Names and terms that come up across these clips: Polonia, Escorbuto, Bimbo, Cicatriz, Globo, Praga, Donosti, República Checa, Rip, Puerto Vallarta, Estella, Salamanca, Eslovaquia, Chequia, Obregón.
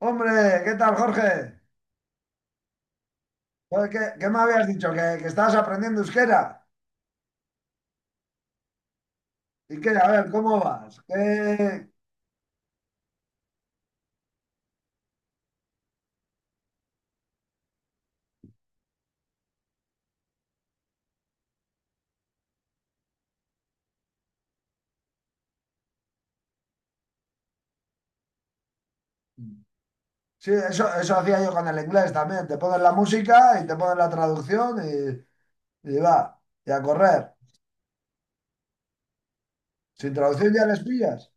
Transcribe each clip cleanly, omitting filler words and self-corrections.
Hombre, ¿qué tal, Jorge? Joder, ¿Qué me habías dicho? ¿Que estabas aprendiendo euskera? ¿Y qué? A ver, ¿cómo vas? Sí, eso hacía yo con el inglés también. Te pones la música y te pones la traducción y va, y a correr. Sin traducción ya les pillas.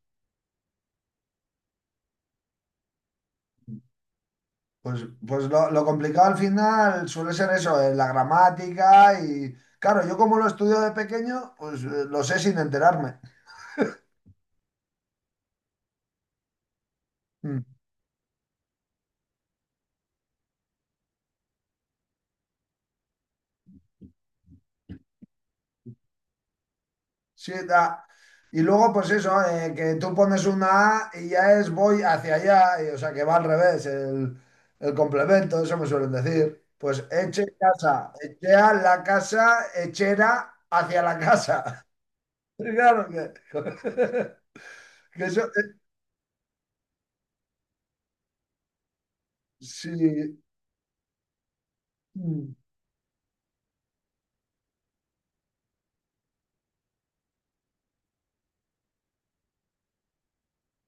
Pues, pues lo complicado al final suele ser eso, la gramática y... Claro, yo como lo estudio de pequeño, pues lo sé sin enterarme. Mm. Sí, da. Y luego, pues eso, que tú pones una A y ya es voy hacia allá, y o sea que va al revés, el complemento, eso me suelen decir. Pues eche casa, echea la casa, echera hacia la casa. Claro que, que eso, sí. Mm.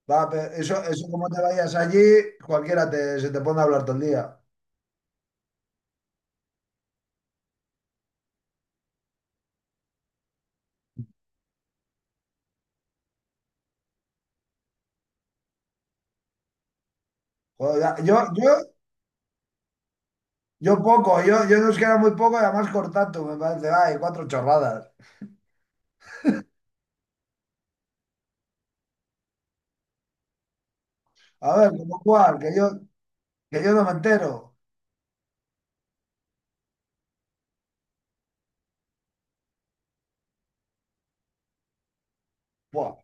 Va, pero eso como te vayas allí, cualquiera se te pone a hablar todo el día. Joder, yo poco, yo nos queda muy poco y además cortato, me parece, ay, cuatro chorradas. A ver, como cuál, que yo no me entero. Buah,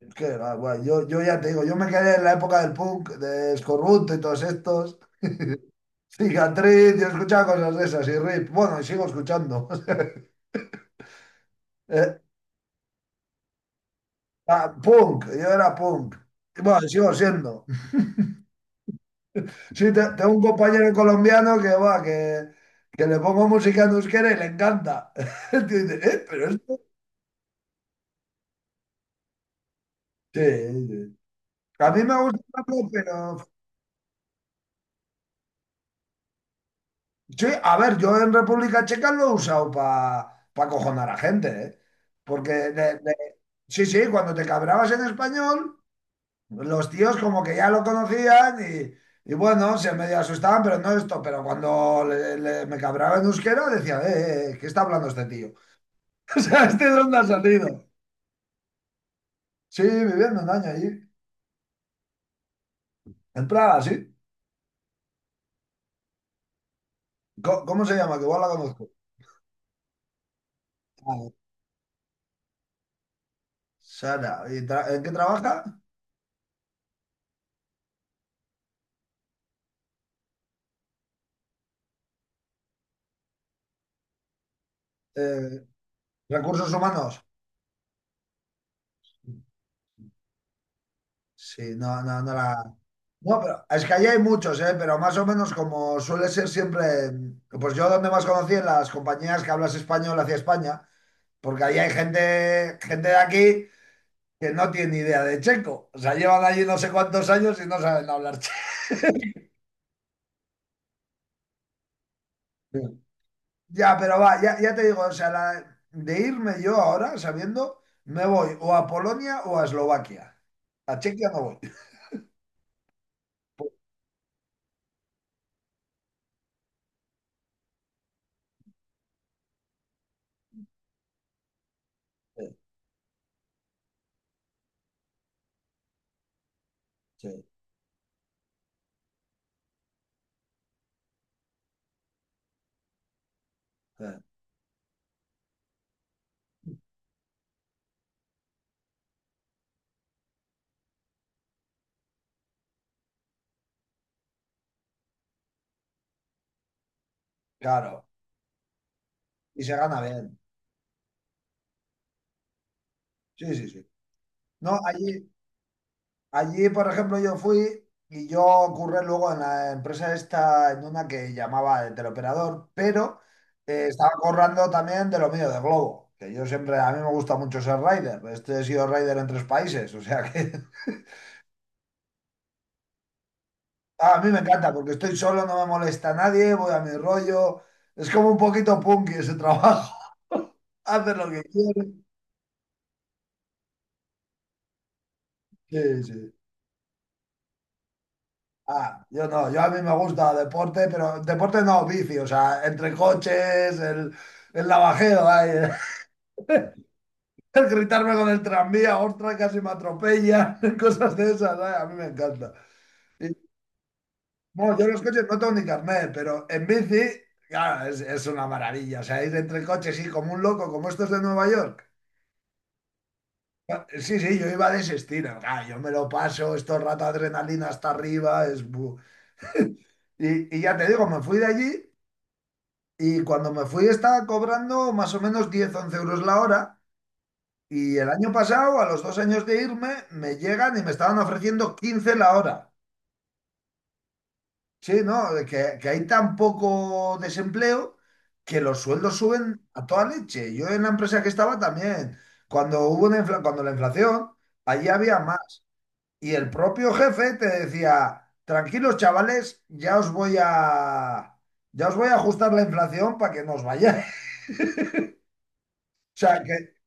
es que, guay, yo ya te digo, yo me quedé en la época del punk, de Escorbuto y todos estos. Cicatriz, yo escuchaba cosas de esas y Rip. Bueno, y sigo escuchando. Eh, Punk, yo era punk. Y bueno, y sigo siendo. Sí, tengo un compañero colombiano que va, que le pongo música en euskera y le encanta. Y dice, pero esto... Sí, sí. A mí me gusta, pero sí. A ver, yo en República Checa lo he usado para acojonar a gente, ¿eh? Porque, sí, sí, cuando te cabrabas en español, los tíos como que ya lo conocían y bueno, se medio asustaban, pero no esto. Pero cuando me cabraba en euskera, decía, ¿qué está hablando este tío? O sea, ¿este de dónde ha salido? Sí, viviendo un año allí, en Praga, sí. ¿Cómo se llama? Que igual la conozco. Ah, Sara, ¿y en qué trabaja? Eh, Recursos humanos. Sí, no, no, no la... No, pero es que allí hay muchos, ¿eh? Pero más o menos como suele ser siempre... Pues yo donde más conocí en las compañías que hablas español hacia España, porque ahí hay gente de aquí que no tiene ni idea de checo. O sea, llevan allí no sé cuántos años y no saben hablar checo. Sí. Ya, pero va, ya te digo, o sea, de irme yo ahora, sabiendo, me voy o a Polonia o a Eslovaquia. A Chequia no voy. Sí, sí, sí, claro. Y se gana bien. Sí, sí, sí. No, allí, por ejemplo, yo fui y yo ocurre luego en la empresa esta, en una que llamaba de teleoperador, pero estaba currando también de lo mío, de Globo, que yo siempre, a mí me gusta mucho ser rider, he sido rider en tres países, o sea que a mí me encanta porque estoy solo, no me molesta nadie, voy a mi rollo, es como un poquito punky ese trabajo, haces lo que quieres. Sí, sí. Ah, yo no, yo a mí me gusta deporte, pero deporte no, vicio, o sea, entre coches, el navajeo, ay, el gritarme con el tranvía, ostras, casi me atropella, cosas de esas, ay, a mí me encanta. Y bueno, yo los coches no tengo ni carnet, pero en bici, claro, es una maravilla, o sea, ir entre coches, sí, como un loco, como estos de Nueva York. Ah, sí, sí, yo iba de ese estilo. Ah, yo me lo paso, esto rata adrenalina hasta arriba. Es... Y ya te digo, me fui de allí y cuando me fui estaba cobrando más o menos 10 u 11 € la hora. Y el año pasado, a los 2 años de irme, me llegan y me estaban ofreciendo 15 la hora. Sí, ¿no? De Que hay tan poco desempleo que los sueldos suben a toda leche. Yo en la empresa que estaba también, cuando la inflación, allí había más. Y el propio jefe te decía, tranquilos chavales, ya os voy a ajustar la inflación para que no os vayáis. O sea, que,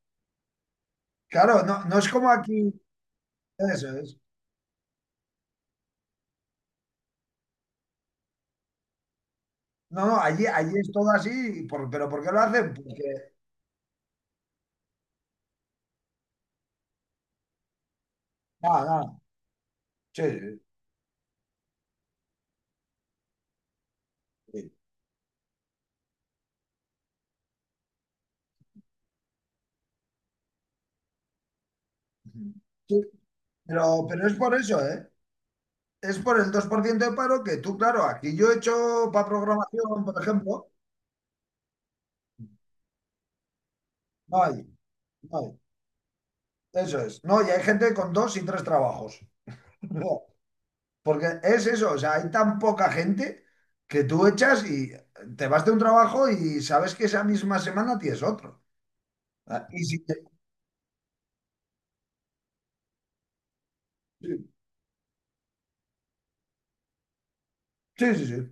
claro, no, no es como aquí. Eso es. No, no, allí es todo así, pero ¿por qué lo hacen? Porque, nada, nada. Sí, sí, sí. Sí, Pero es por eso, ¿eh? Es por el 2% de paro que tú, claro, aquí yo he hecho para programación, por ejemplo, no hay, no hay. Eso es. No, y hay gente con dos y tres trabajos. Porque es eso, o sea, hay tan poca gente que tú echas y te vas de un trabajo y sabes que esa misma semana tienes otro. Ah, y si, sí, sí, sí.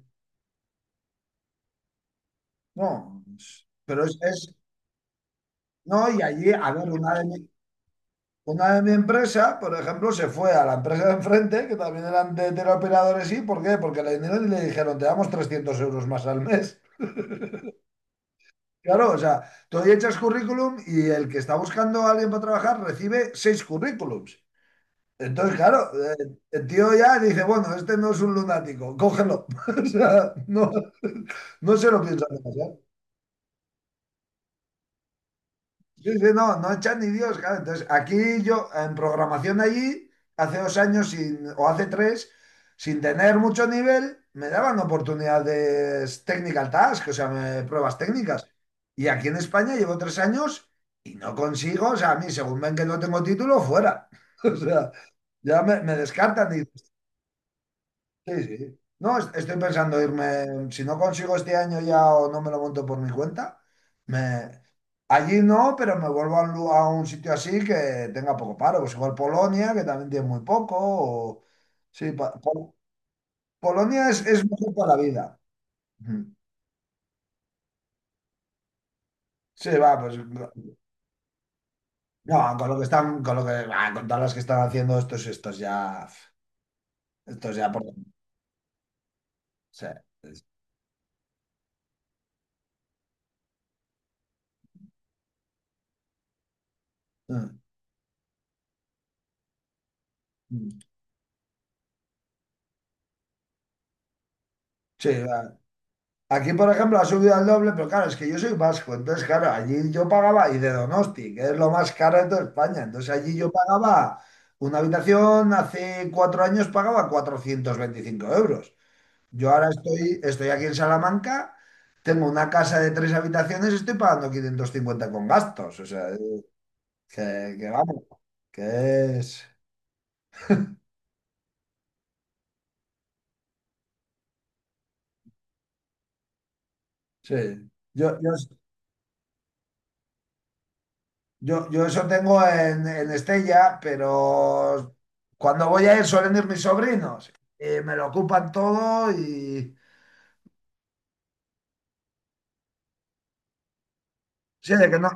No, no, y allí, a ver, una de mi empresa, por ejemplo, se fue a la empresa de enfrente, que también eran de teleoperadores, ¿y por qué? Porque le vinieron y le dijeron, te damos 300 € más al mes. Claro, o sea, tú ahí echas currículum y el que está buscando a alguien para trabajar recibe seis currículums. Entonces, claro, el tío ya dice, bueno, este no es un lunático, cógelo. O sea, no, no se lo piensa demasiado. Sí, sí, no, no echan ni Dios, claro. Entonces, aquí yo, en programación allí, hace 2 años o hace tres, sin tener mucho nivel, me daban oportunidades technical task, o sea, pruebas técnicas. Y aquí en España llevo 3 años y no consigo, o sea, a mí, según ven que no tengo título, fuera. O sea, ya me descartan. Sí, sí. No, estoy pensando irme, si no consigo este año ya o no me lo monto por mi cuenta, me... allí no, pero me vuelvo a un, a un sitio así que tenga poco paro, pues igual Polonia, que también tiene muy poco, o... Sí, Polonia es mejor para la vida. Ujú. Sí, va, pues no, con lo que están, con lo que, va, con todas las que están haciendo estos ya, por... sí. Mm, mm. Sí, va. Aquí, por ejemplo, ha subido al doble, pero claro, es que yo soy vasco, entonces, claro, allí yo pagaba, y de Donosti, que es lo más caro de toda España, entonces allí yo pagaba una habitación, hace 4 años pagaba 425 euros. Yo ahora estoy aquí en Salamanca, tengo una casa de tres habitaciones, estoy pagando 550 con gastos, o sea, que, vamos, que es... Sí, yo, yo, yo eso tengo en Estella, pero cuando voy a ir suelen ir mis sobrinos. Y me lo ocupan todo y... Sí, de que no...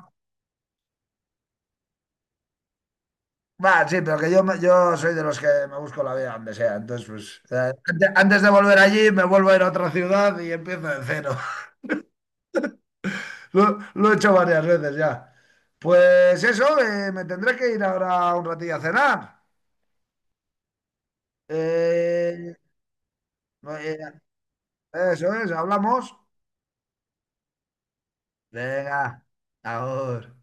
Va, sí, pero que yo, yo soy de los que me busco la vida donde sea. Entonces, pues, antes de volver allí, me vuelvo a ir a otra ciudad y empiezo de cero. Lo he hecho varias veces ya. Pues eso, me tendré que ir ahora un ratillo a cenar. Eh, eh, eso es, hablamos. Venga, ahora.